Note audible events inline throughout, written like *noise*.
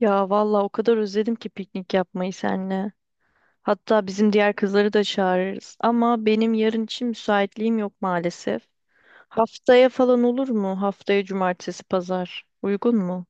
Ya vallahi o kadar özledim ki piknik yapmayı seninle. Hatta bizim diğer kızları da çağırırız. Ama benim yarın için müsaitliğim yok maalesef. Haftaya falan olur mu? Haftaya cumartesi, pazar. Uygun mu?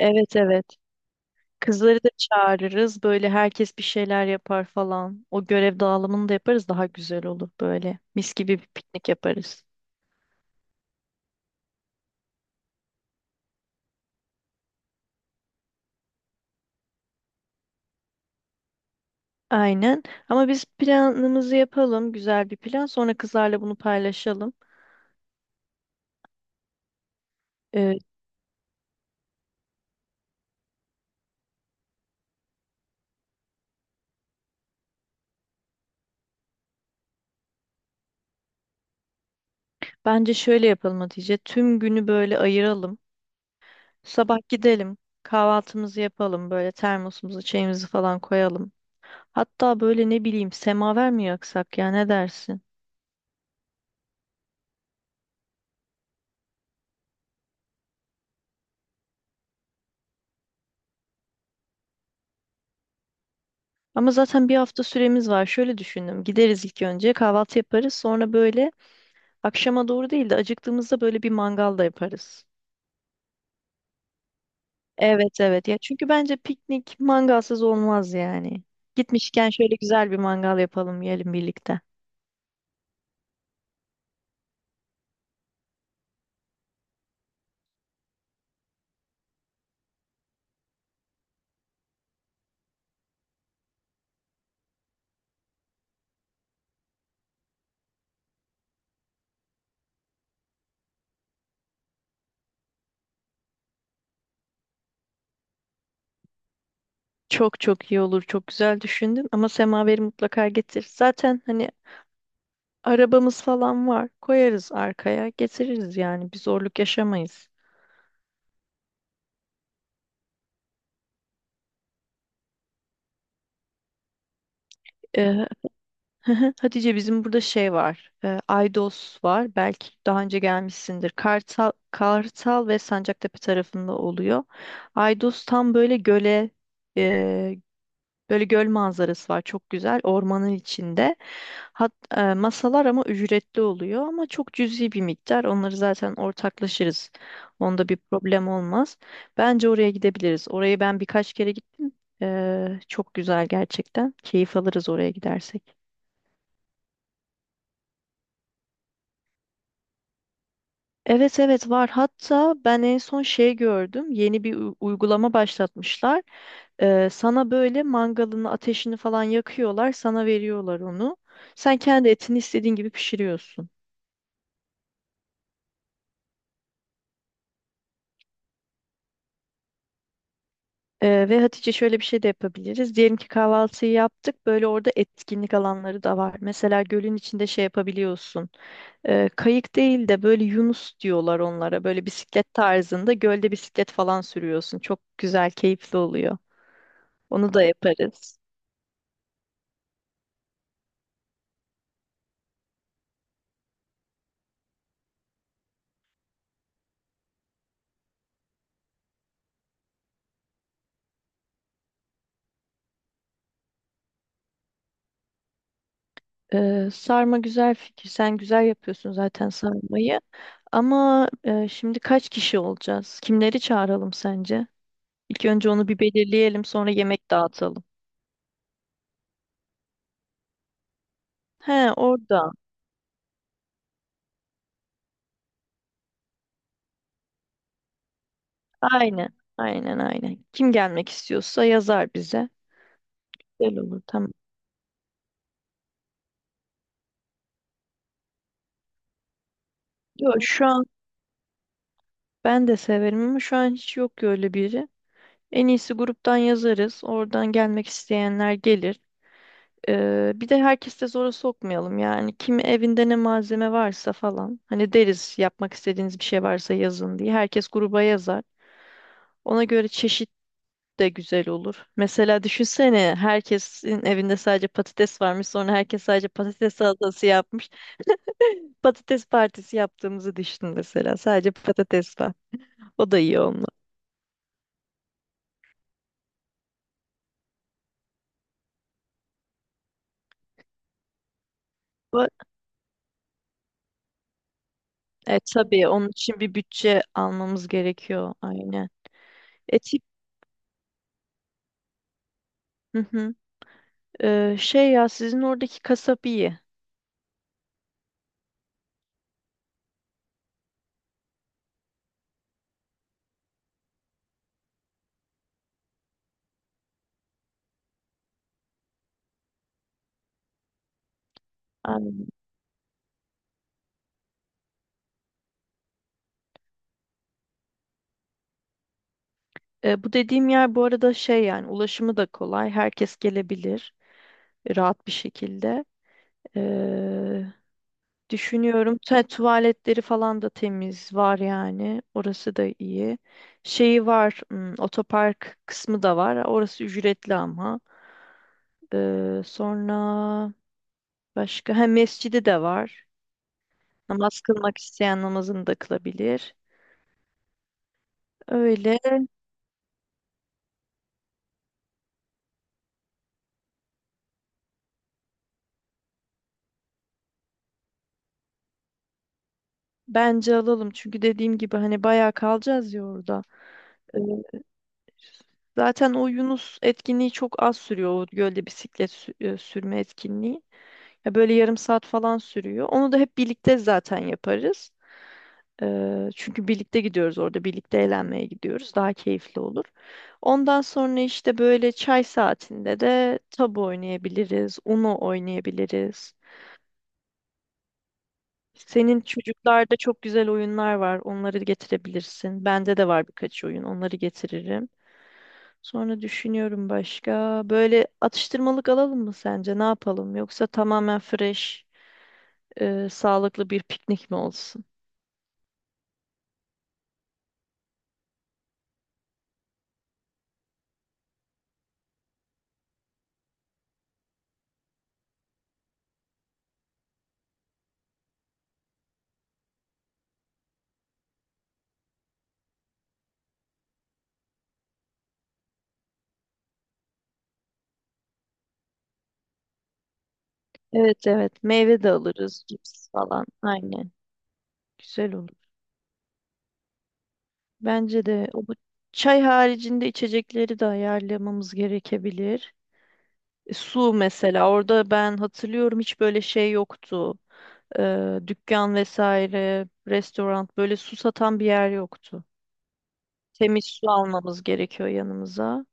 Evet, evet. Kızları da çağırırız. Böyle herkes bir şeyler yapar falan. O görev dağılımını da yaparız. Daha güzel olur böyle. Mis gibi bir piknik yaparız. Aynen. Ama biz planımızı yapalım. Güzel bir plan. Sonra kızlarla bunu paylaşalım. Ee, Bence şöyle yapalım Hatice. Tüm günü böyle ayıralım. Sabah gidelim, kahvaltımızı yapalım, böyle termosumuzu, çayımızı falan koyalım. Hatta böyle ne bileyim semaver mi yaksak ya ne dersin? Ama zaten bir hafta süremiz var. Şöyle düşündüm. Gideriz ilk önce kahvaltı yaparız. Sonra böyle akşama doğru değil de acıktığımızda böyle bir mangal da yaparız. Evet, evet, ya çünkü bence piknik mangalsız olmaz yani. Gitmişken şöyle güzel bir mangal yapalım yiyelim birlikte. Çok çok iyi olur, çok güzel düşündün ama semaveri mutlaka getir. Zaten hani arabamız falan var. Koyarız arkaya, getiririz yani. Bir zorluk yaşamayız. Ee, *laughs* Hatice bizim burada şey var. Aydos var. Belki daha önce gelmişsindir. Kartal, Kartal ve Sancaktepe tarafında oluyor. Aydos tam böyle göle, e, böyle göl manzarası var, çok güzel ormanın içinde. Masalar ama ücretli oluyor, ama çok cüzi bir miktar. Onları zaten ortaklaşırız. Onda bir problem olmaz. Bence oraya gidebiliriz. Orayı ben birkaç kere gittim. Çok güzel gerçekten. Keyif alırız oraya gidersek. Evet, evet var. Hatta ben en son şey gördüm. Yeni bir uygulama başlatmışlar. Sana böyle mangalını, ateşini falan yakıyorlar, sana veriyorlar onu. Sen kendi etini istediğin gibi pişiriyorsun. Ve Hatice şöyle bir şey de yapabiliriz. Diyelim ki kahvaltıyı yaptık. Böyle orada etkinlik alanları da var. Mesela gölün içinde şey yapabiliyorsun. Kayık değil de böyle Yunus diyorlar onlara. Böyle bisiklet tarzında gölde bisiklet falan sürüyorsun. Çok güzel, keyifli oluyor. Onu da yaparız. Sarma güzel fikir. Sen güzel yapıyorsun zaten sarmayı. Ama şimdi kaç kişi olacağız? Kimleri çağıralım sence? İlk önce onu bir belirleyelim, sonra yemek dağıtalım. He, orada. Aynen. Aynen, aynen. Kim gelmek istiyorsa yazar bize. Güzel olur, tamam. Yok, şu an ben de severim ama şu an hiç yok ki öyle biri. En iyisi gruptan yazarız. Oradan gelmek isteyenler gelir. Bir de herkes de zora sokmayalım yani. Kim evinde ne malzeme varsa falan. Hani deriz yapmak istediğiniz bir şey varsa yazın diye. Herkes gruba yazar. Ona göre çeşit de güzel olur. Mesela düşünsene herkesin evinde sadece patates varmış. Sonra herkes sadece patates salatası yapmış. *laughs* Patates partisi yaptığımızı düşün mesela. Sadece patates var. O da iyi olmaz. E, tabii onun için bir bütçe almamız gerekiyor, aynen. E tip hı hı. E, şey ya, sizin oradaki kasap iyi. Aynen. E, bu dediğim yer bu arada şey, yani ulaşımı da kolay. Herkes gelebilir rahat bir şekilde. E, düşünüyorum tuvaletleri falan da temiz var yani. Orası da iyi. Şeyi var, hmm, otopark kısmı da var. Orası ücretli ama. E, sonra başka ha mescidi de var. Namaz kılmak isteyen namazını da kılabilir. Öyle bence alalım. Çünkü dediğim gibi hani bayağı kalacağız ya orada. Ee, Zaten o Yunus etkinliği çok az sürüyor. O gölde bisiklet sürme etkinliği. Ya böyle yarım saat falan sürüyor. Onu da hep birlikte zaten yaparız. Çünkü birlikte gidiyoruz orada. Birlikte eğlenmeye gidiyoruz. Daha keyifli olur. Ondan sonra işte böyle çay saatinde de tabu oynayabiliriz. Uno oynayabiliriz. Senin çocuklarda çok güzel oyunlar var. Onları getirebilirsin. Bende de var birkaç oyun. Onları getiririm. Sonra düşünüyorum başka. Böyle atıştırmalık alalım mı sence? Ne yapalım? Yoksa tamamen fresh, sağlıklı bir piknik mi olsun? Evet, evet. Meyve de alırız. Cips falan. Aynen. Güzel olur. Bence de o bu çay haricinde içecekleri de ayarlamamız gerekebilir. E, su mesela. Orada ben hatırlıyorum hiç böyle şey yoktu. E, dükkan vesaire, restoran, böyle su satan bir yer yoktu. Temiz su almamız gerekiyor yanımıza.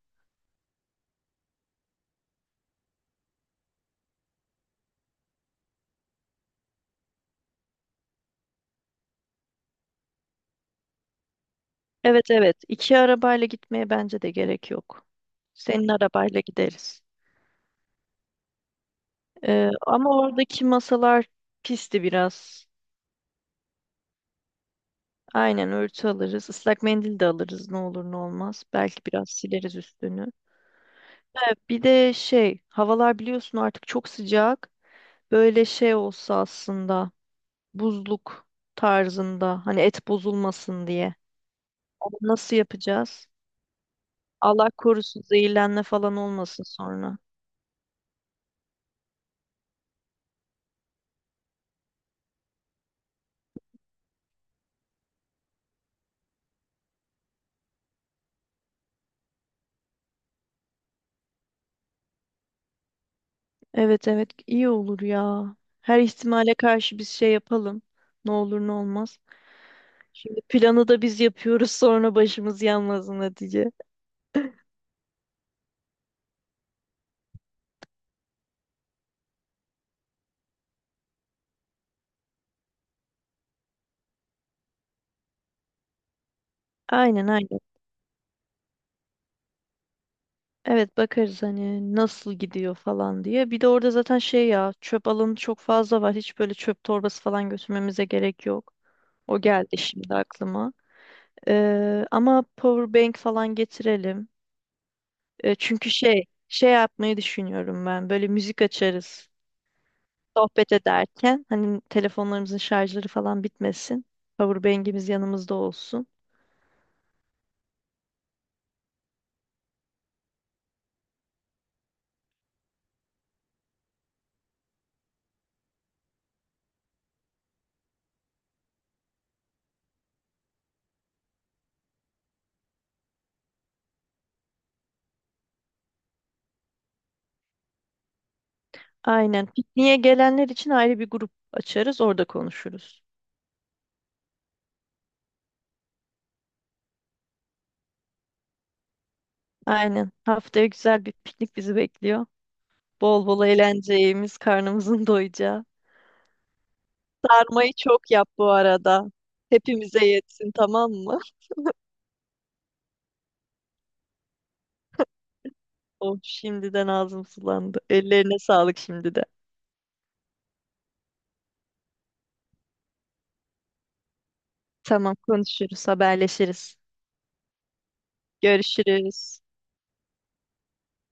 Evet, evet, iki arabayla gitmeye bence de gerek yok. Senin arabayla gideriz. E, ama oradaki masalar pisti biraz. Aynen, örtü alırız. Islak mendil de alırız, ne olur ne olmaz. Belki biraz sileriz üstünü. Evet, bir de şey, havalar biliyorsun artık çok sıcak. Böyle şey olsa aslında buzluk tarzında, hani et bozulmasın diye. Ama nasıl yapacağız? Allah korusun zehirlenme falan olmasın sonra. Evet, evet iyi olur ya. Her ihtimale karşı biz şey yapalım. Ne olur ne olmaz. Şimdi planı da biz yapıyoruz *laughs* sonra başımız yanmasın Hatice. Aynen, aynen. Evet, bakarız hani nasıl gidiyor falan diye. Bir de orada zaten şey ya, çöp alanı çok fazla var. Hiç böyle çöp torbası falan götürmemize gerek yok. O geldi şimdi aklıma. Ama power bank falan getirelim. Çünkü şey yapmayı düşünüyorum ben. Böyle müzik açarız. Sohbet ederken hani telefonlarımızın şarjları falan bitmesin. Powerbank'imiz yanımızda olsun. Aynen. Pikniğe gelenler için ayrı bir grup açarız, orada konuşuruz. Aynen. Haftaya güzel bir piknik bizi bekliyor. Bol bol eğleneceğimiz, karnımızın doyacağı. Sarmayı çok yap bu arada. Hepimize yetsin, tamam mı? Oh, şimdiden ağzım sulandı. Ellerine sağlık şimdi de. Tamam, konuşuruz, haberleşiriz. Görüşürüz.